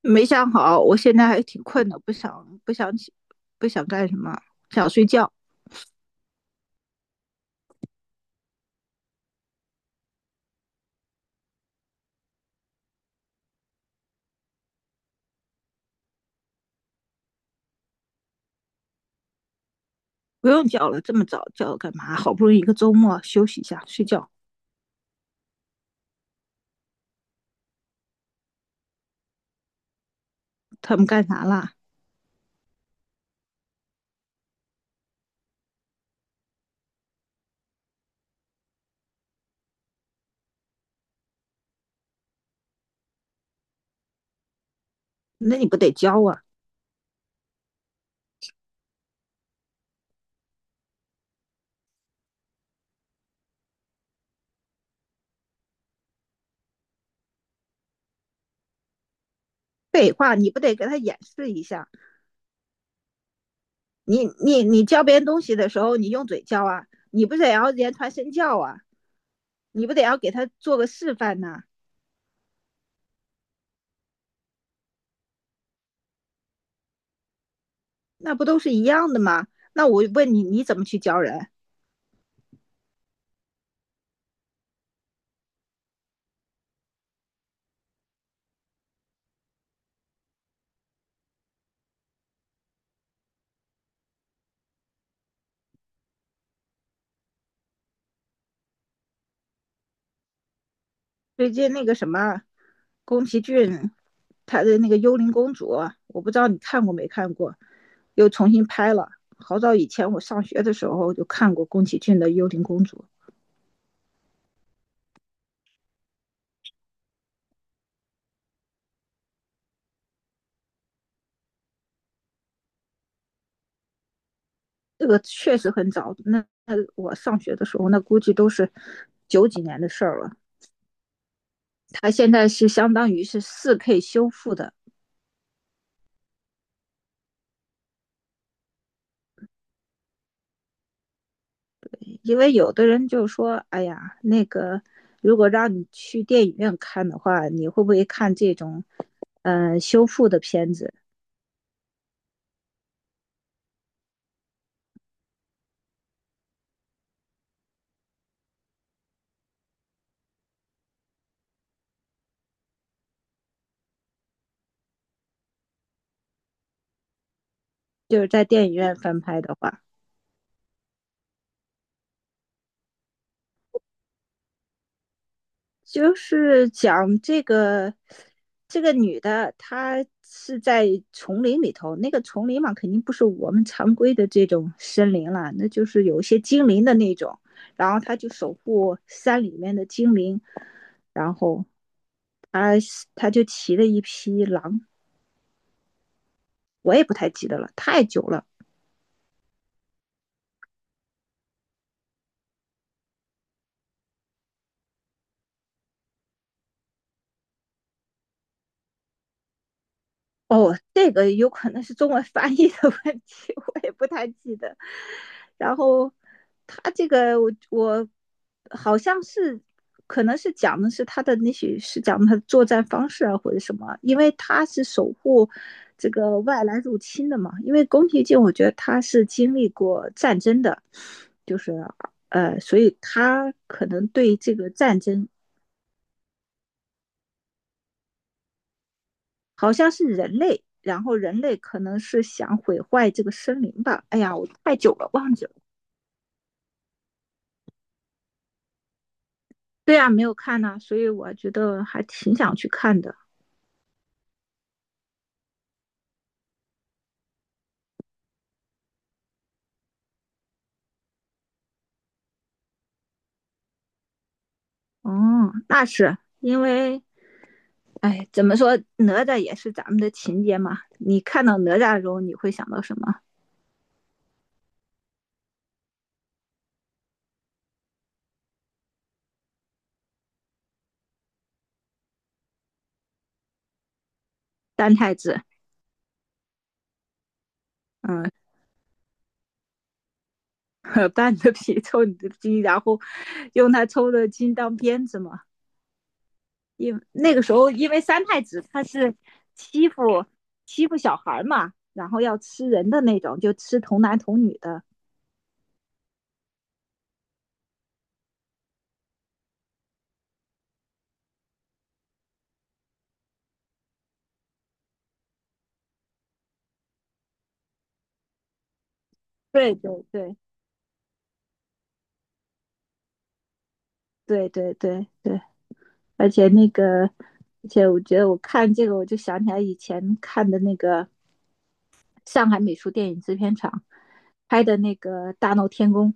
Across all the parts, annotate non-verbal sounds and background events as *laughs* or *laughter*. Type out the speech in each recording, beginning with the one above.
没想好，我现在还挺困的，不想起，不想干什么，想睡觉。不用叫了，这么早叫干嘛？好不容易一个周末休息一下，睡觉。他们干啥啦？那你不得教啊？废话，你不得给他演示一下？你教别人东西的时候，你用嘴教啊？你不得要言传身教啊？你不得要给他做个示范呐、啊。那不都是一样的吗？那我问你，你怎么去教人？最近那个什么，宫崎骏他的那个《幽灵公主》啊，我不知道你看过没看过，又重新拍了。好早以前我上学的时候就看过宫崎骏的《幽灵公主》，这个确实很早。那我上学的时候，那估计都是九几年的事儿了。他现在是相当于是四 K 修复的，因为有的人就说：“哎呀，那个如果让你去电影院看的话，你会不会看这种？”修复的片子，就是在电影院翻拍的话，就是讲这个女的，她是在丛林里头，那个丛林嘛，肯定不是我们常规的这种森林了，那就是有一些精灵的那种，然后她就守护山里面的精灵，然后她她就骑了一匹狼，我也不太记得了，太久了。哦，这个有可能是中文翻译的问题，*laughs* 我也不太记得。然后他这个我好像是可能是讲的是他的，也许是讲他的作战方式啊或者什么，因为他是守护这个外来入侵的嘛。因为宫崎骏，我觉得他是经历过战争的，就是所以他可能对这个战争好像是人类，然后人类可能是想毁坏这个森林吧。哎呀，我太久了忘记了。对啊，没有看呢、啊。所以我觉得还挺想去看的。哦，那是因为，哎，怎么说，哪吒也是咱们的情节嘛。你看到哪吒的时候，你会想到什么？三太子，嗯，*laughs* 搬着皮 *laughs* 抽你的筋，然后用他抽的筋当鞭子嘛。因那个时候因为三太子他是欺负欺负小孩嘛，然后要吃人的那种，就吃童男童女的。对对对对对对对，而且那个，而且我觉得我看这个，我就想起来以前看的那个上海美术电影制片厂拍的那个《大闹天宫》，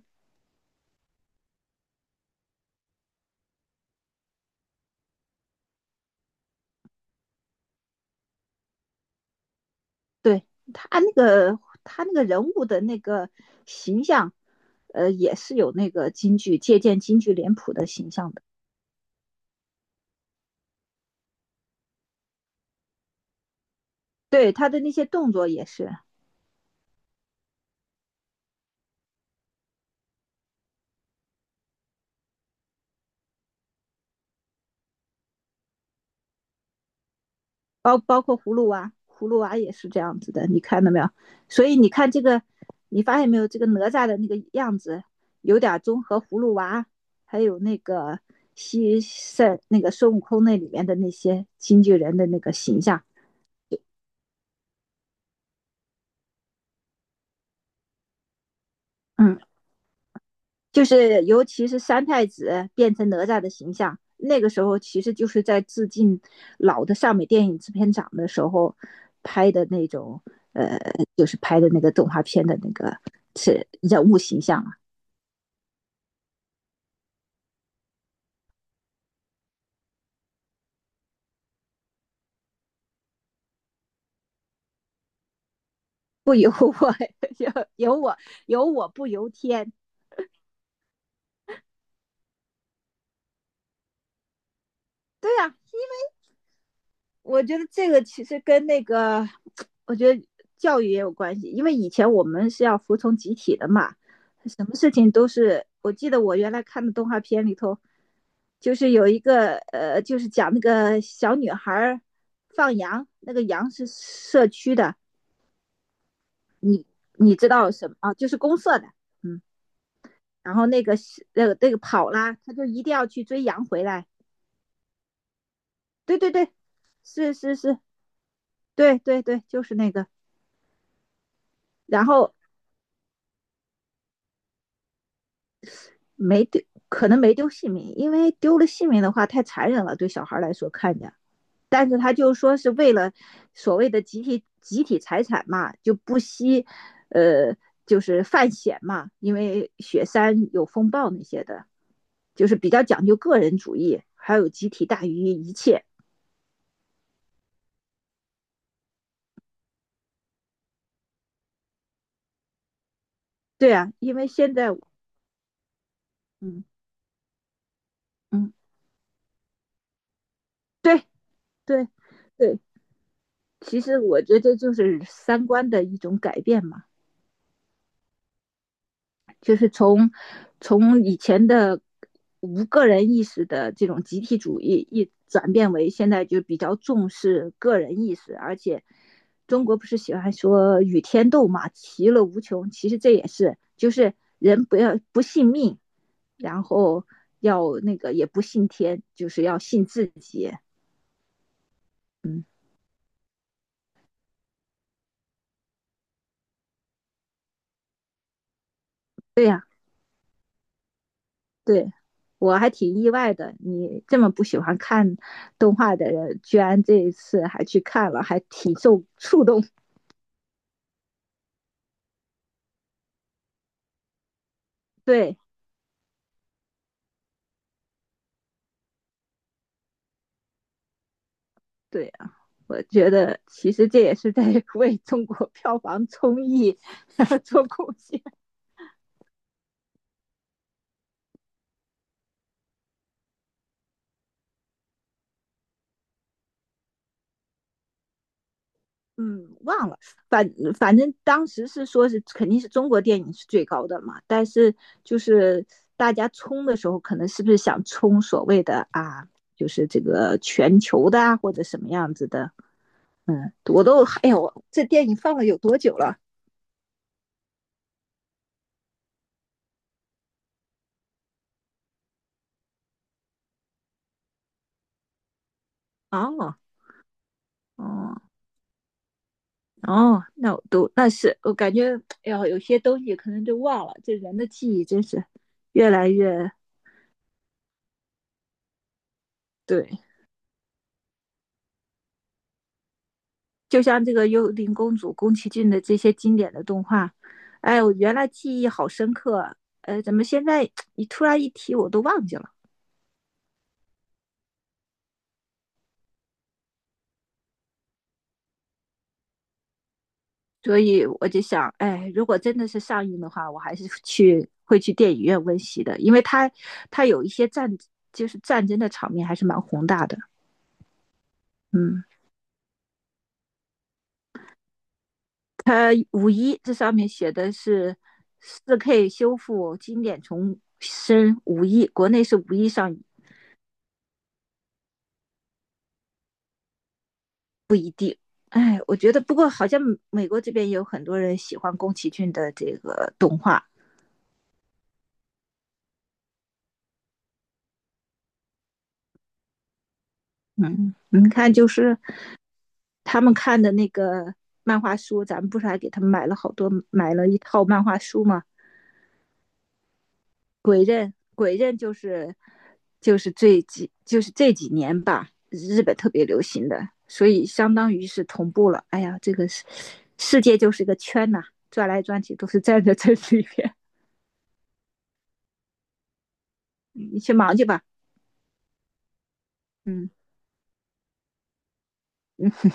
对他那个人物的那个形象，也是有那个京剧借鉴京剧脸谱的形象的。对他的那些动作也是，包括葫芦娃，葫芦娃也是这样子的，你看到没有？所以你看这个，你发现没有？这个哪吒的那个样子有点综合葫芦娃，还有那个西塞那个孙悟空那里面的那些京剧人的那个形象。嗯，就是尤其是三太子变成哪吒的形象，那个时候其实就是在致敬老的上美电影制片厂的时候拍的那种，呃，就是拍的那个动画片的那个是人物形象啊，不由我，*laughs* 由由我由我不由天，对呀、啊。我觉得这个其实跟那个，我觉得教育也有关系，因为以前我们是要服从集体的嘛，什么事情都是。我记得我原来看的动画片里头，就是有一个就是讲那个小女孩放羊，那个羊是社区的，你你知道什么啊？就是公社的，嗯。然后那个跑啦，他就一定要去追羊回来。对对对，是是是，对对对，就是那个。然后没丢，可能没丢性命，因为丢了性命的话太残忍了，对小孩来说看着。但是他就说是为了所谓的集体财产嘛，就不惜，呃，就是犯险嘛，因为雪山有风暴那些的，就是比较讲究个人主义，还有集体大于一切。对啊，因为现在，嗯嗯，对对对，其实我觉得就是三观的一种改变嘛。就是从以前的无个人意识的这种集体主义，一转变为现在就比较重视个人意识，而且中国不是喜欢说与天斗嘛，其乐无穷。其实这也是，就是人不要不信命，然后要那个也不信天，就是要信自己。嗯，对呀、啊。对，我还挺意外的，你这么不喜欢看动画的人，居然这一次还去看了，还挺受触动。对对啊，我觉得其实这也是在 *laughs* 为中国票房综艺 *laughs* 做贡献。嗯，忘了，反反正当时是说是肯定是中国电影是最高的嘛，但是就是大家冲的时候，可能是不是想冲所谓的啊，就是这个全球的啊，或者什么样子的。嗯，我都哎呀，我这电影放了有多久了？哦，哦，哦，那我都那是我感觉，哎呀，有些东西可能就忘了。这人的记忆真是越来越对，就像这个《幽灵公主》宫崎骏的这些经典的动画，哎，我原来记忆好深刻啊，怎么现在你突然一提我都忘记了？所以我就想，哎，如果真的是上映的话，我还是去会去电影院温习的，因为它有一些战就是战争的场面还是蛮宏大的。嗯，它五一这上面写的是四 K 修复经典重生五一，国内是五一上映。哎，我觉得不过好像美国这边有很多人喜欢宫崎骏的这个动画。嗯，你看就是他们看的那个漫画书，咱们不是还给他们买了好多，买了一套漫画书吗？鬼刃，鬼刃就是就是这几年吧，日本特别流行的，所以相当于是同步了。哎呀，这个世界就是个圈呐、啊。转来转去都是站在这里边，你去忙去吧。嗯嗯，